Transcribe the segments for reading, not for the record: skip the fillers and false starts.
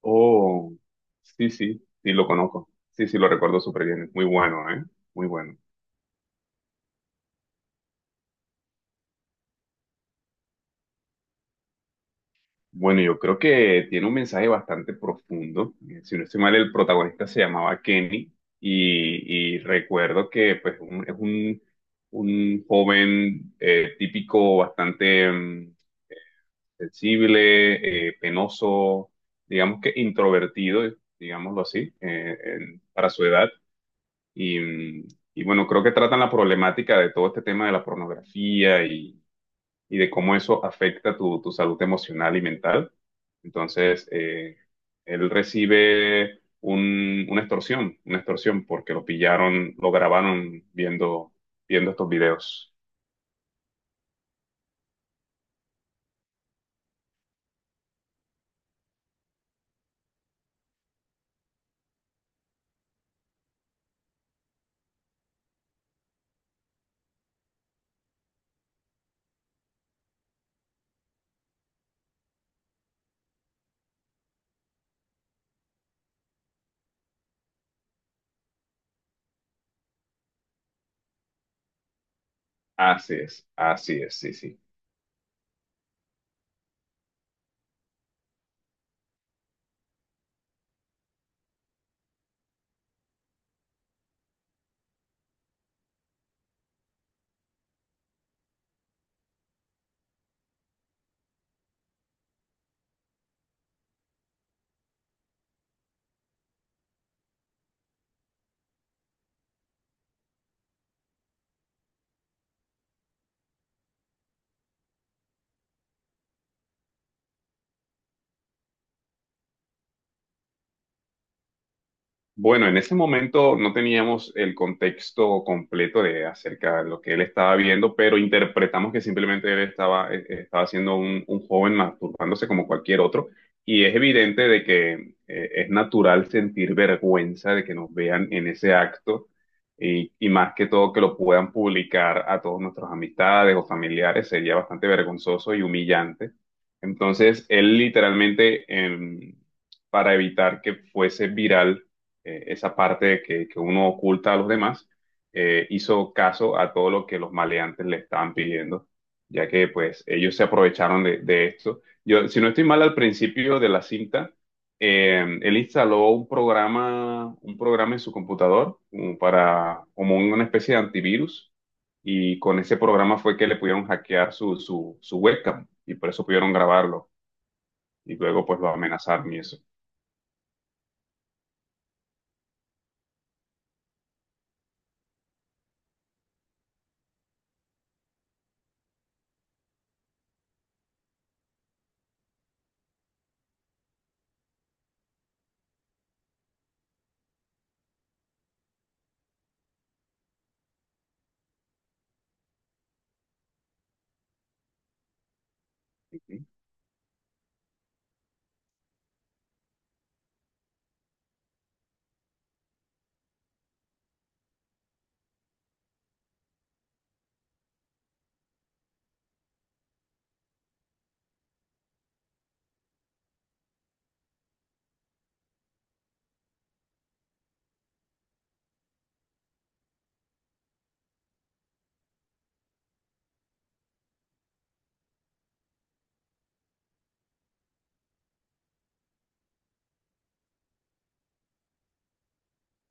Oh, sí, sí, sí lo conozco. Sí, sí lo recuerdo súper bien. Es Muy bueno, ¿eh? Muy bueno. Bueno, yo creo que tiene un mensaje bastante profundo. Si no estoy mal, el protagonista se llamaba Kenny y recuerdo que pues, un joven típico, bastante sensible, penoso, digamos que introvertido, digámoslo así, para su edad. Y, mm, y bueno, creo que tratan la problemática de todo este tema de la pornografía y de cómo eso afecta tu salud emocional y mental. Entonces, él recibe una extorsión porque lo pillaron, lo grabaron viendo estos videos. Así es, sí, sí. Bueno, en ese momento no teníamos el contexto completo de acerca de lo que él estaba viendo, pero interpretamos que simplemente él estaba, estaba siendo un joven masturbándose como cualquier otro. Y es evidente de que es natural sentir vergüenza de que nos vean en ese acto y más que todo que lo puedan publicar a todos nuestros amistades o familiares sería bastante vergonzoso y humillante. Entonces, él literalmente, para evitar que fuese viral, esa parte que uno oculta a los demás, hizo caso a todo lo que los maleantes le estaban pidiendo, ya que pues ellos se aprovecharon de esto. Yo, si no estoy mal, al principio de la cinta, él instaló un programa en su computador como para, como una especie de antivirus, y con ese programa fue que le pudieron hackear su webcam, y por eso pudieron grabarlo, y luego pues lo amenazaron y eso.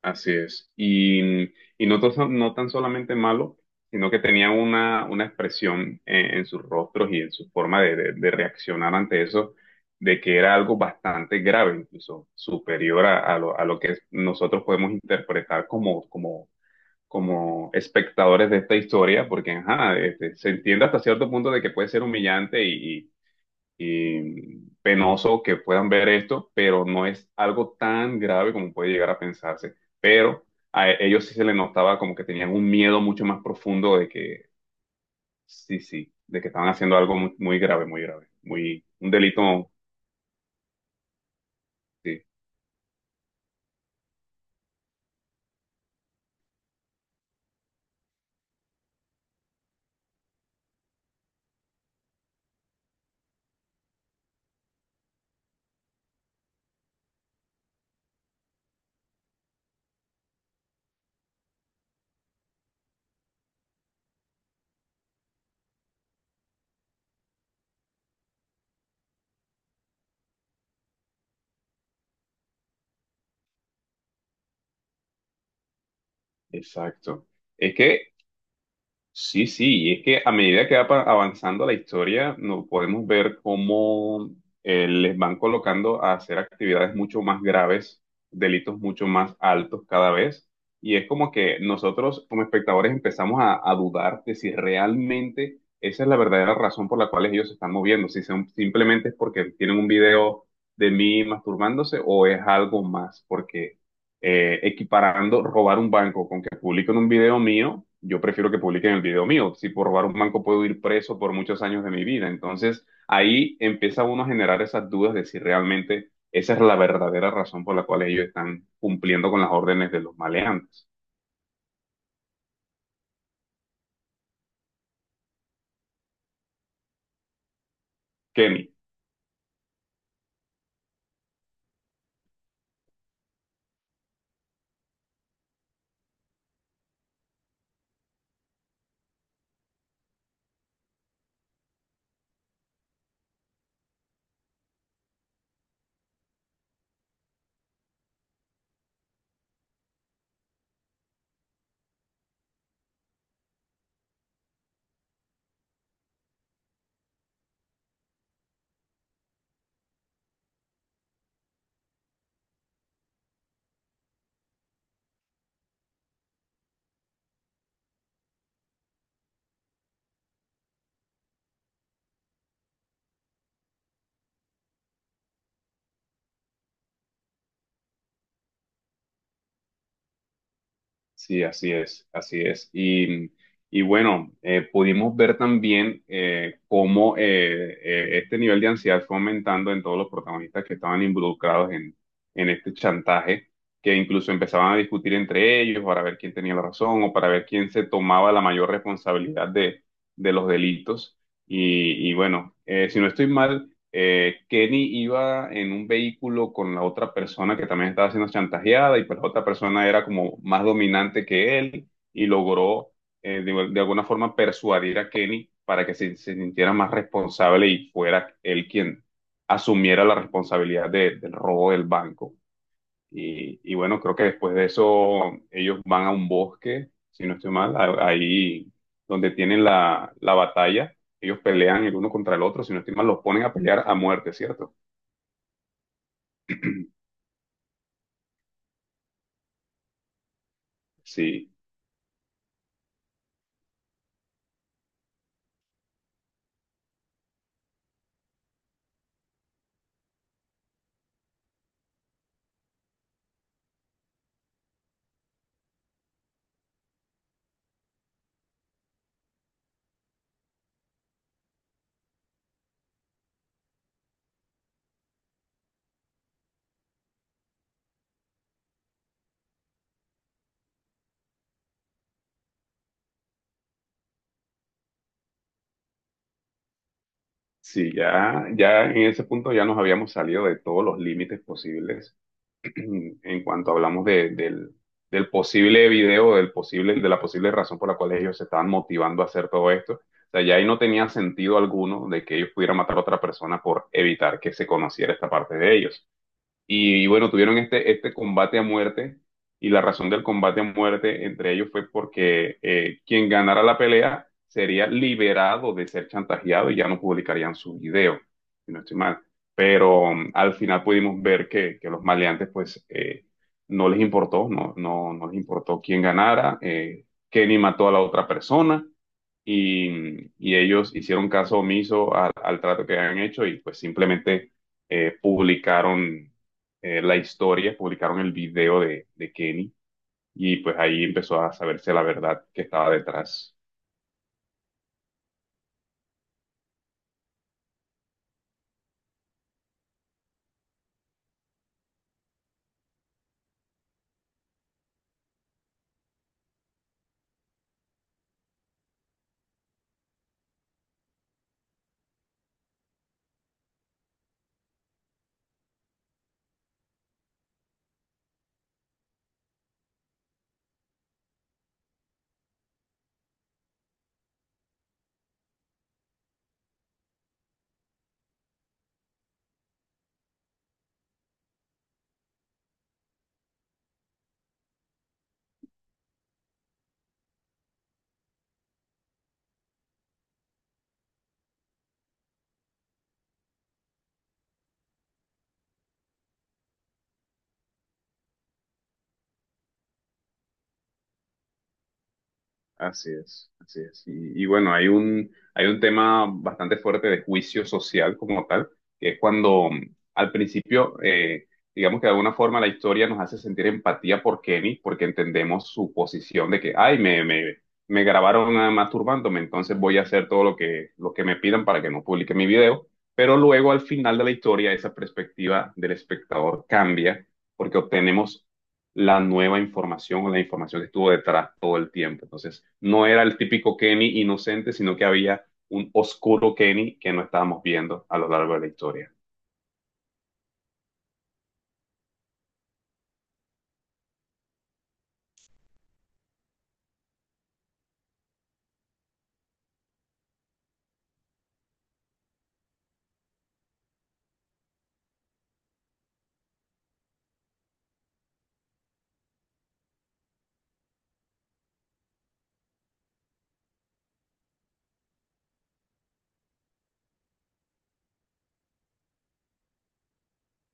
Así es. Y no, no tan solamente malo, sino que tenía una expresión en sus rostros y en su forma de, de reaccionar ante eso, de que era algo bastante grave, incluso superior a a lo que nosotros podemos interpretar como espectadores de esta historia, porque ajá, este, se entiende hasta cierto punto de que puede ser humillante y, eh, penoso que puedan ver esto, pero no es algo tan grave como puede llegar a pensarse. Pero a ellos sí se les notaba como que tenían un miedo mucho más profundo de que, sí, sí, de que estaban haciendo algo muy, muy grave, muy grave, muy, un delito, sí, exacto. Es que sí, sí, y es que a medida que va avanzando la historia, nos podemos ver cómo les van colocando a hacer actividades mucho más graves, delitos mucho más altos cada vez, y es como que nosotros como espectadores empezamos a dudar de si realmente esa es la verdadera razón por la cual ellos se están moviendo, si son, simplemente es porque tienen un video de mí masturbándose o es algo más, porque equiparando robar un banco con que publiquen un video mío, yo prefiero que publiquen el video mío. Si por robar un banco puedo ir preso por muchos años de mi vida. Entonces ahí empieza uno a generar esas dudas de si realmente esa es la verdadera razón por la cual ellos están cumpliendo con las órdenes de los maleantes. Kenny. Sí, así es, así es. Y bueno, pudimos ver también, cómo este nivel de ansiedad fue aumentando en todos los protagonistas que estaban involucrados en este chantaje, que incluso empezaban a discutir entre ellos para ver quién tenía la razón o para ver quién se tomaba la mayor responsabilidad de los delitos. Y bueno, si no estoy mal, Kenny iba en un vehículo con la otra persona que también estaba siendo chantajeada y pues la otra persona era como más dominante que él y logró, de alguna forma persuadir a Kenny para que se sintiera más responsable y fuera él quien asumiera la responsabilidad del robo del banco. Y bueno, creo que después de eso ellos van a un bosque, si no estoy mal, ahí donde tienen la, la batalla, ellos pelean el uno contra el otro, si no estoy mal, los ponen a pelear a muerte, ¿cierto? Sí, sí, ya, ya en ese punto ya nos habíamos salido de todos los límites posibles. En cuanto hablamos del posible video, del posible, de la posible razón por la cual ellos se estaban motivando a hacer todo esto. O sea, ya ahí no tenía sentido alguno de que ellos pudieran matar a otra persona por evitar que se conociera esta parte de ellos. Y bueno, tuvieron este combate a muerte, y la razón del combate a muerte entre ellos fue porque quien ganara la pelea sería liberado de ser chantajeado y ya no publicarían su video, si no estoy mal. Pero al final pudimos ver que los maleantes pues no les importó, no, no, no les importó quién ganara. Kenny mató a la otra persona y ellos hicieron caso omiso al trato que habían hecho y pues simplemente publicaron, la historia, publicaron el video de Kenny, y pues ahí empezó a saberse la verdad que estaba detrás. Así es, así es. Y bueno, hay un tema bastante fuerte de juicio social como tal, que es cuando, al principio, digamos que de alguna forma la historia nos hace sentir empatía por Kenny, porque entendemos su posición de que, ay, me, me grabaron, ah, masturbándome, entonces voy a hacer todo lo que me pidan para que no publique mi video. Pero luego al final de la historia, esa perspectiva del espectador cambia, porque obtenemos la nueva información o la información que estuvo detrás todo el tiempo. Entonces, no era el típico Kenny inocente, sino que había un oscuro Kenny que no estábamos viendo a lo largo de la historia.